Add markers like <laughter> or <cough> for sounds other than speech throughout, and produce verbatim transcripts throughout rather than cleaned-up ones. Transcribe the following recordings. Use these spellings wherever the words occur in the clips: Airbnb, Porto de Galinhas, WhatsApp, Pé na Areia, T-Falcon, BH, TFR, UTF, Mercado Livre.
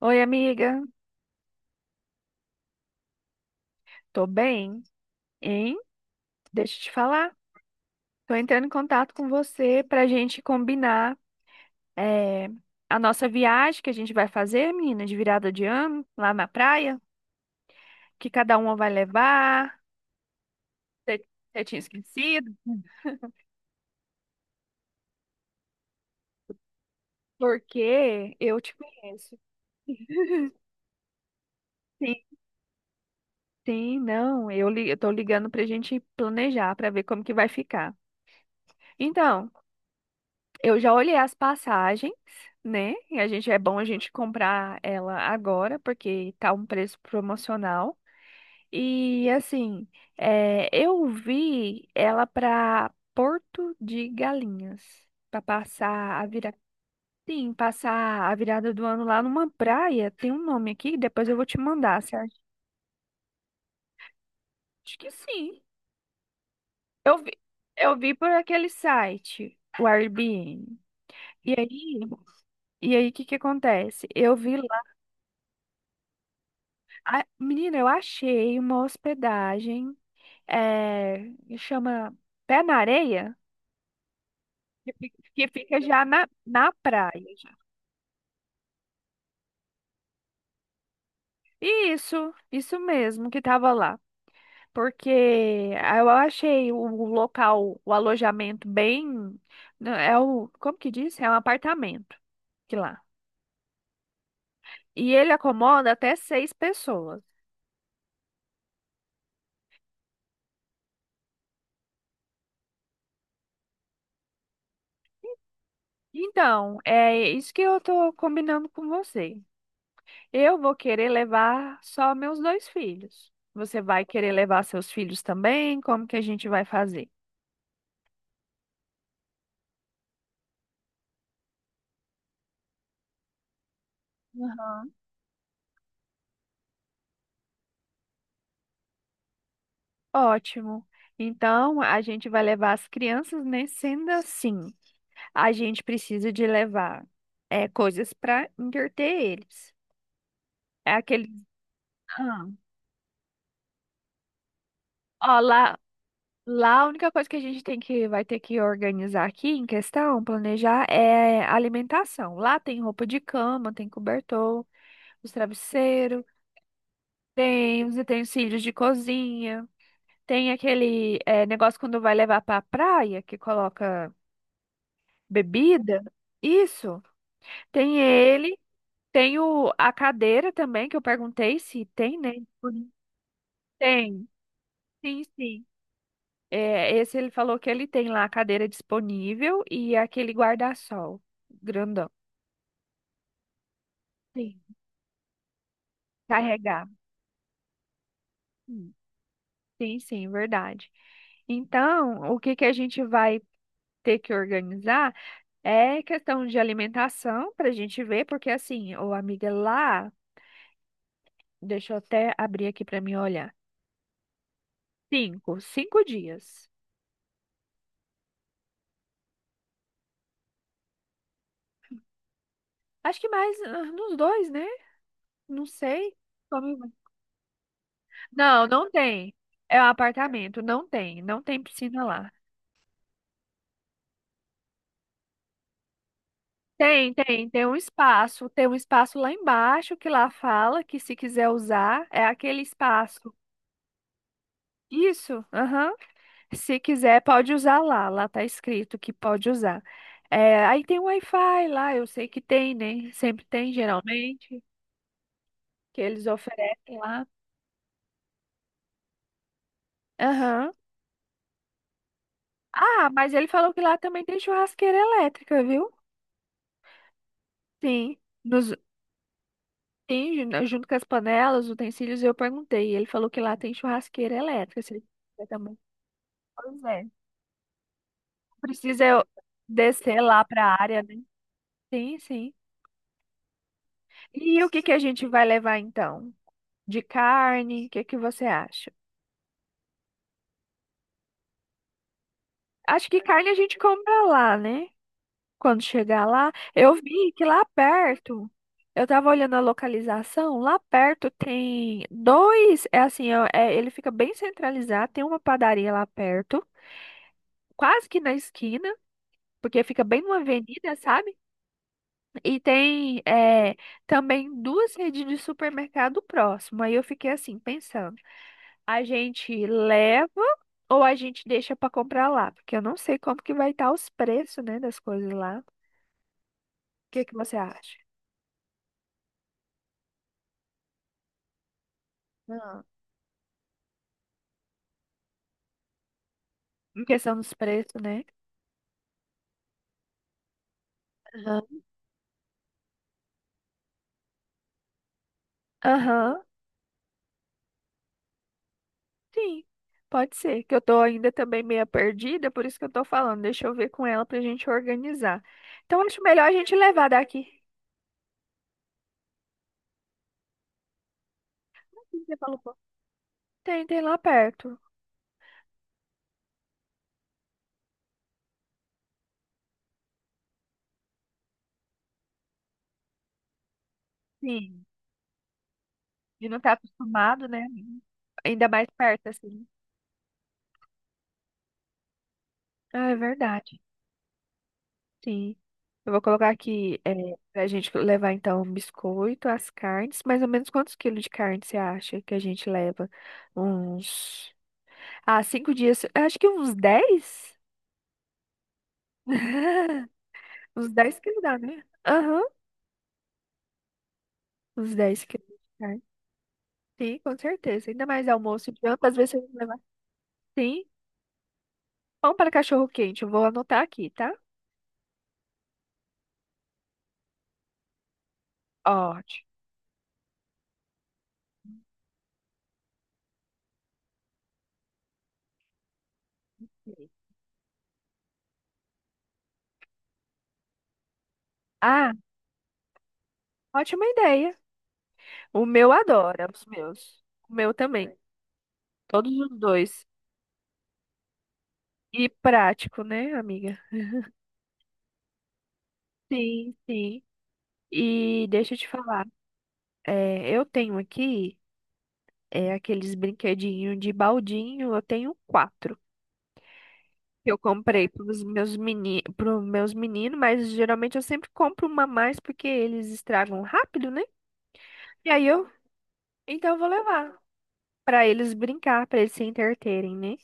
Oi, amiga. Tô bem, hein? Deixa eu te falar. Tô entrando em contato com você pra gente combinar eh, a nossa viagem que a gente vai fazer, menina, de virada de ano, lá na praia, que cada uma vai levar. Você você tinha esquecido? Porque eu te conheço. Sim, sim, não. Eu, li- eu tô ligando pra gente planejar, pra ver como que vai ficar. Então. Eu já olhei as passagens, né? E a gente é bom a gente comprar ela agora, porque tá um preço promocional. E assim, é, eu vi ela para Porto de Galinhas, para passar a virada, sim, passar a virada do ano lá numa praia. Tem um nome aqui, depois eu vou te mandar, certo? Acho que sim. Eu vi, eu vi por aquele site, o Airbnb. E aí, e aí, o que que acontece? Eu vi. Ah, menina, eu achei uma hospedagem, eh, que chama Pé na Areia, que fica já na, na praia. Já. Isso, isso mesmo que tava lá. Porque eu achei o o local, o alojamento bem. Né, é o, como que diz? É um apartamento que lá. E ele acomoda até seis pessoas. Então, é isso que eu tô combinando com você. Eu vou querer levar só meus dois filhos. Você vai querer levar seus filhos também? Como que a gente vai fazer? Aham. Ótimo. Então, a gente vai levar as crianças, né? Sendo assim, a gente precisa de levar é, coisas para entreter eles. É aquele. Ah, ó, lá, lá a única coisa que a gente tem que vai ter que organizar aqui em questão, planejar, é a alimentação. Lá tem roupa de cama, tem cobertor, os travesseiros. Tem os utensílios de cozinha, tem aquele eh, negócio quando vai levar para a praia, que coloca bebida. Isso. Tem ele, tem o, a cadeira também, que eu perguntei se tem, né? Disponível. Tem, sim, sim. É, esse ele falou que ele tem lá a cadeira disponível e aquele guarda-sol grandão. Sim. Carregar. Hum, Sim, sim, verdade. Então, o que que a gente vai ter que organizar? É questão de alimentação para a gente ver, porque assim, ô amiga, lá, deixa eu até abrir aqui para mim olhar. Cinco, cinco dias. Acho que mais ah, nos dois, né? Não sei. Come- Não, não tem. É um apartamento, não tem, não tem piscina lá. Tem, tem, tem um espaço, tem um espaço lá embaixo que lá fala que se quiser usar, é aquele espaço. Isso, aham. Se quiser, pode usar lá. Lá tá escrito que pode usar. É, aí tem Wi-Fi lá, eu sei que tem, né? Sempre tem, geralmente, que eles oferecem lá. Aham. Ah, mas ele falou que lá também tem churrasqueira elétrica, viu? Sim. Nos, tem, ju- né, junto com as panelas, utensílios, eu perguntei. Ele falou que lá tem churrasqueira elétrica. Se ele quiser também. Pois é. Precisa eu descer lá pra área, né? Sim, sim. E o que que a gente vai levar então? De carne, o que que você acha? Acho que carne a gente compra lá, né? Quando chegar lá, eu vi que lá perto, eu tava olhando a localização, lá perto tem dois, é assim, ó, é, ele fica bem centralizado, tem uma padaria lá perto, quase que na esquina, porque fica bem numa avenida, sabe? E tem é, também duas redes de supermercado próximo. Aí eu fiquei assim, pensando. A gente leva ou a gente deixa para comprar lá? Porque eu não sei como que vai estar os preços, né, das coisas lá. O que que você acha? Ah, em questão dos preços, né? Aham. Aham, sim. Pode ser, que eu tô ainda também meio perdida, por isso que eu tô falando. Deixa eu ver com ela pra gente organizar. Então, acho melhor a gente levar daqui. Você falou, pô. Tem, tem lá perto. Sim. E não tá acostumado, né? Ainda mais perto, assim. Ah, é verdade. Sim. Eu vou colocar aqui é, pra gente levar então biscoito, as carnes. Mais ou menos quantos quilos de carne você acha que a gente leva? Uns. Ah, cinco dias. Eu acho que uns dez. <laughs> Uns dez quilos dá, né? Aham. Uns dez quilos de carne. Sim, com certeza. Ainda mais almoço e janta, às vezes você vai levar. Sim. Pão para cachorro quente. Eu vou anotar aqui, tá? Ótimo. Ah, ótima ideia. O meu adora, os meus. O meu também. Todos os dois. E prático, né, amiga? Sim, sim. E deixa eu te falar, é, eu tenho aqui é, aqueles brinquedinhos de baldinho, eu tenho quatro. Que eu comprei para os meus meni, pros meus meninos, mas geralmente eu sempre compro uma a mais porque eles estragam rápido, né? E aí eu, então eu vou levar para eles brincar, para eles se entreterem, né?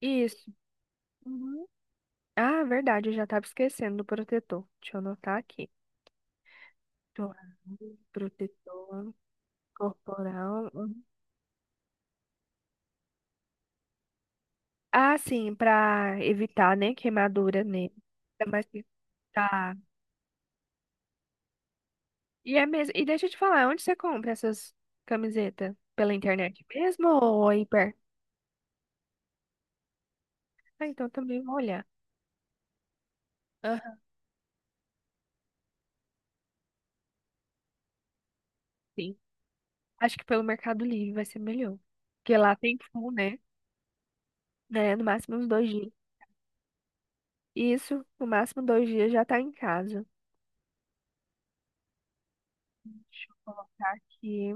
Isso. Uhum. Ah, verdade, eu já tava esquecendo do protetor. Deixa eu anotar aqui. Tô- Protetor. Corporal. Uhum. Ah, sim, pra evitar, né, queimadura nele. Ainda mais que tá. E é mesmo. E deixa eu te falar, onde você compra essas camisetas? Pela internet mesmo ou aí perto? Ah, então também vou olhar. Aham, sim. Acho que pelo Mercado Livre vai ser melhor. Porque lá tem full, né? Né? No máximo uns dois dias. Isso, no máximo dois dias já tá em casa. Deixa eu colocar aqui.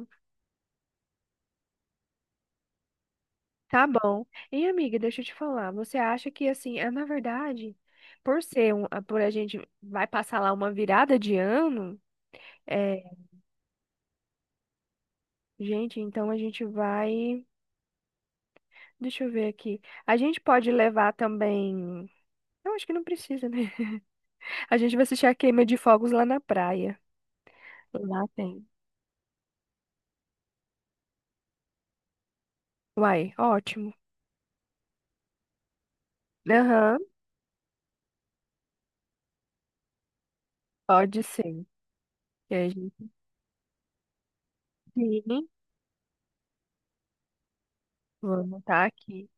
Tá bom. E amiga, deixa eu te falar, você acha que assim, é na verdade, por ser um, a- por a gente vai passar lá uma virada de ano, é, gente, então a gente vai, deixa eu ver aqui. A gente pode levar também, eu acho que não precisa, né? <laughs> A gente vai assistir a queima de fogos lá na praia. Lá tem. Uai, ótimo. Aham, pode ser. E a gente, sim, vamos estar aqui.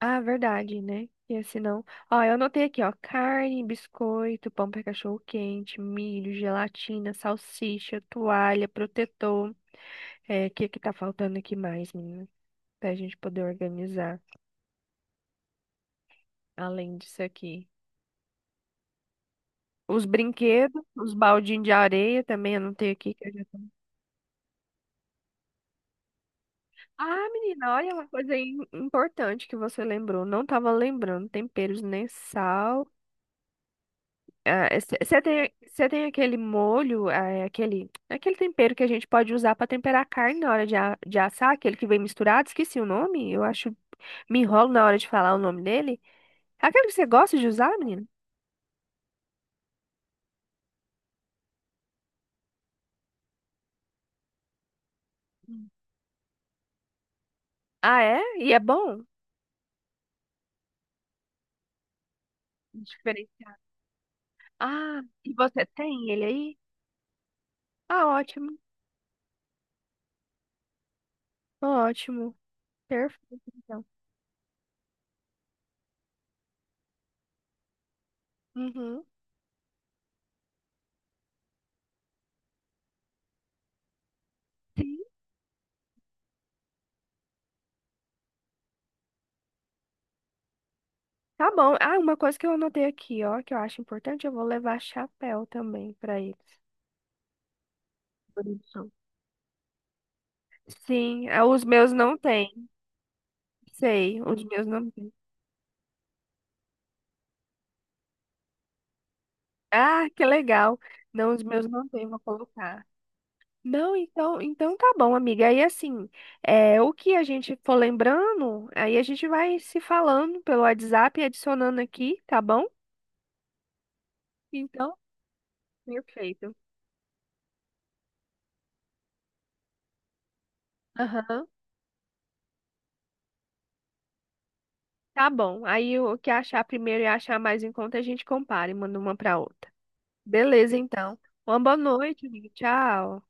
Ah, verdade, né? E senão. Ó, eu anotei aqui, ó. Carne, biscoito, pão para cachorro quente, milho, gelatina, salsicha, toalha, protetor. É, o que é que tá faltando aqui mais, menina? Pra gente poder organizar, além disso aqui. Os brinquedos, os baldinhos de areia também, eu anotei aqui. Que eu já... tô- Ah, menina, olha uma coisa aí importante que você lembrou. Não tava lembrando. Temperos nem sal. Você tem, cê tem aquele molho, ah, é aquele, é aquele tempero que a gente pode usar para temperar a carne na hora de, a- de assar, aquele que vem misturado, esqueci o nome, eu acho, me enrolo na hora de falar o nome dele. Aquele que você gosta de usar, menina? Ah, é? E é bom? Diferenciado. Ah, e você tem ele aí? Ah, ótimo, ótimo, perfeito, então. Uhum. Sim. Tá bom. Ah, uma coisa que eu anotei aqui, ó, que eu acho importante, eu vou levar chapéu também para eles. Bonito. Sim, ah, os meus não tem. Sei, os meus não tem. Ah, que legal. Não, os meus não tem, vou colocar. Não, então, então tá bom, amiga. Aí assim, é, o que a gente for lembrando, aí a gente vai se falando pelo WhatsApp e adicionando aqui, tá bom? Então, perfeito. Aham. Tá bom. Aí o que achar primeiro e achar mais em conta, a gente compara e manda uma pra outra. Beleza, então. Uma boa noite, amiga. Tchau.